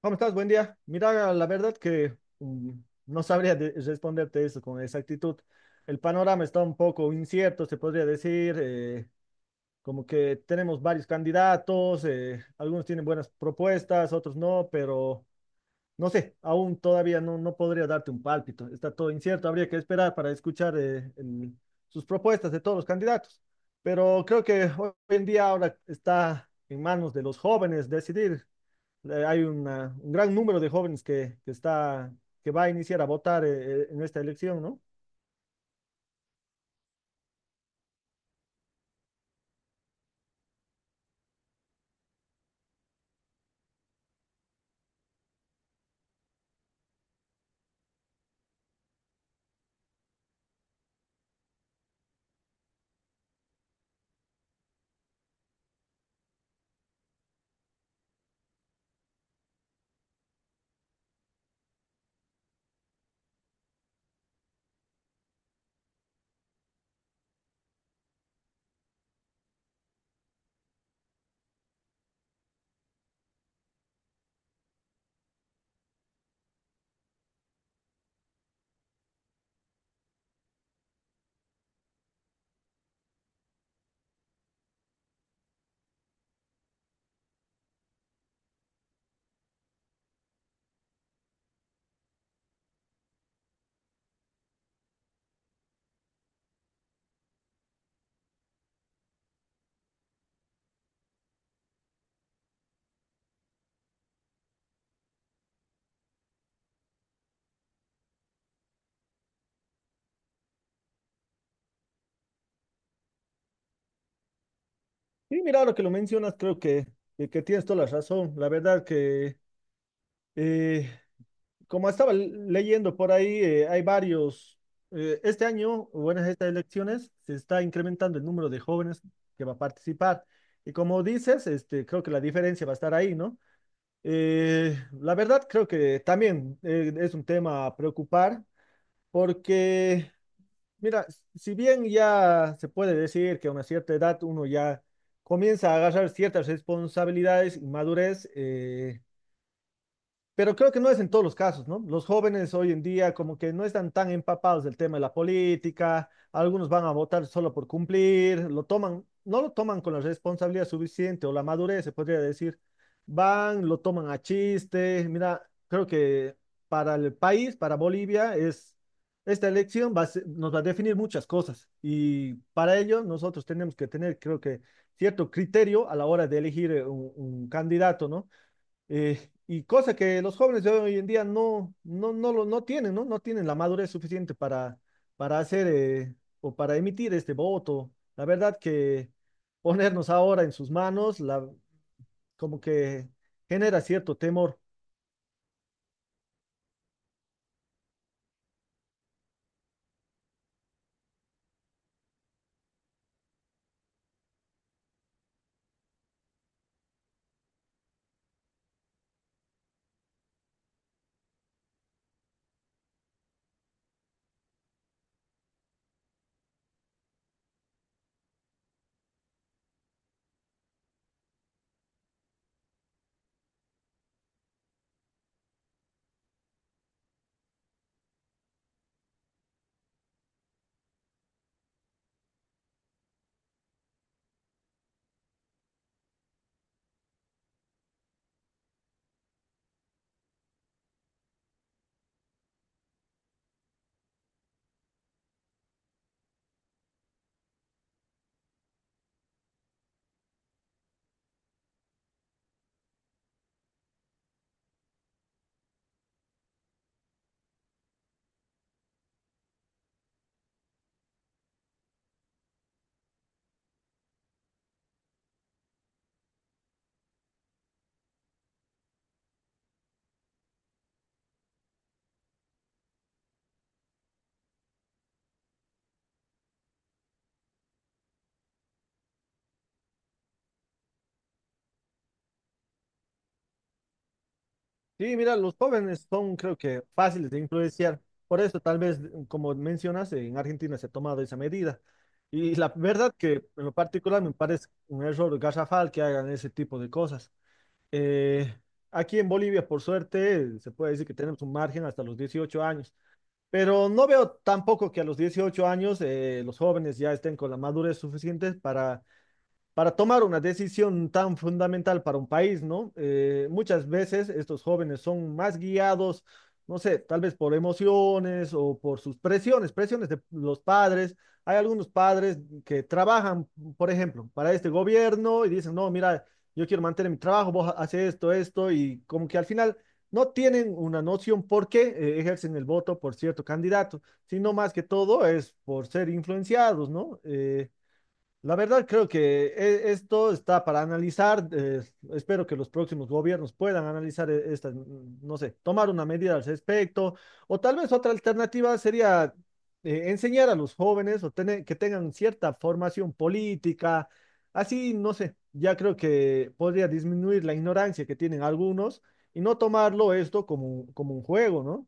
¿Cómo estás? Buen día. Mira, la verdad que no sabría responderte eso con exactitud. El panorama está un poco incierto, se podría decir, como que tenemos varios candidatos, algunos tienen buenas propuestas, otros no, pero no sé, aún todavía no podría darte un pálpito. Está todo incierto, habría que esperar para escuchar sus propuestas de todos los candidatos. Pero creo que hoy en día ahora está en manos de los jóvenes decidir hay un gran número de jóvenes que está, que va a iniciar a votar en esta elección, ¿no? Y mira, ahora que lo mencionas, que tienes toda la razón. La verdad que, eh, como estaba leyendo por ahí, este año, bueno, en estas elecciones, se está incrementando el número de jóvenes que va a participar. Y como dices, este, creo que la diferencia va a estar ahí, ¿no? Eh, la verdad, creo que también es un tema a preocupar porque mira, si bien ya se puede decir que a una cierta edad uno ya comienza a agarrar ciertas responsabilidades y madurez, pero creo que no es en todos los casos, ¿no? Los jóvenes hoy en día como que no están tan empapados del tema de la política, algunos van a votar solo por cumplir, no lo toman con la responsabilidad suficiente o la madurez, se podría decir. Van, lo toman a chiste. Mira, creo que para el país, para Bolivia, es, esta elección nos va a definir muchas cosas y para ello nosotros tenemos que tener, creo que, cierto criterio a la hora de elegir un candidato, ¿no? Y cosa que los jóvenes de hoy en día no tienen, ¿no? No tienen la madurez suficiente para hacer o para emitir este voto. La verdad que ponernos ahora en sus manos, la, como que genera cierto temor. Sí, mira, los jóvenes son, creo que, fáciles de influenciar. Por eso, tal vez, como mencionas, en Argentina se ha tomado esa medida. Y la verdad que, en lo particular, me parece un error garrafal que hagan ese tipo de cosas. Eh, aquí en Bolivia, por suerte, se puede decir que tenemos un margen hasta los 18 años, pero no veo tampoco que a los 18 años los jóvenes ya estén con la madurez suficiente para tomar una decisión tan fundamental para un país, ¿no? Muchas veces estos jóvenes son más guiados, no sé, tal vez por emociones o por sus presiones, presiones de los padres. Hay algunos padres que trabajan, por ejemplo, para este gobierno y dicen, no, mira, yo quiero mantener mi trabajo, vos haces esto, esto, y como que al final no tienen una noción por qué ejercen el voto por cierto candidato, sino más que todo es por ser influenciados, ¿no? La verdad creo que esto está para analizar. Eh, espero que los próximos gobiernos puedan analizar esta, no sé, tomar una medida al respecto. O tal vez otra alternativa sería enseñar a los jóvenes o tener, que tengan cierta formación política. Así, no sé, ya creo que podría disminuir la ignorancia que tienen algunos y no tomarlo esto como, como un juego, ¿no?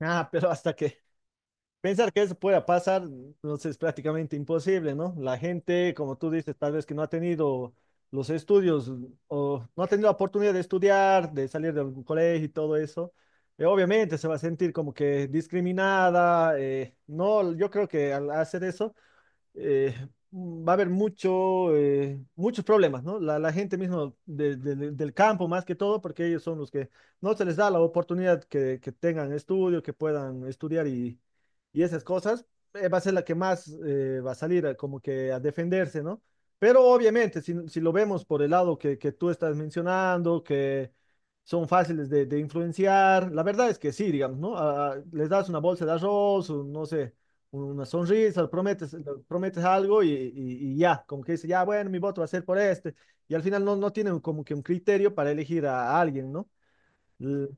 Ah, pero hasta que pensar que eso pueda pasar, pues, es prácticamente imposible, ¿no? La gente, como tú dices, tal vez que no ha tenido los estudios o no ha tenido la oportunidad de estudiar, de salir de algún colegio y todo eso, obviamente se va a sentir como que discriminada. No, yo creo que al hacer eso eh, va a haber mucho, muchos problemas, ¿no? La gente mismo del campo más que todo, porque ellos son los que no se les da la oportunidad que tengan estudio, que puedan estudiar y esas cosas, va a ser la que más va a como que a defenderse, ¿no? Pero obviamente, si lo vemos por el lado que tú estás mencionando, que son fáciles de influenciar, la verdad es que sí, digamos, ¿no? Ah, les das una bolsa de arroz, o no sé, una sonrisa, prometes, prometes algo y ya, como que dice, ya, bueno, mi voto va a ser por este, y al final no tienen como que un criterio para elegir a alguien, ¿no? L-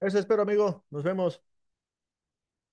eso espero, amigo, nos vemos.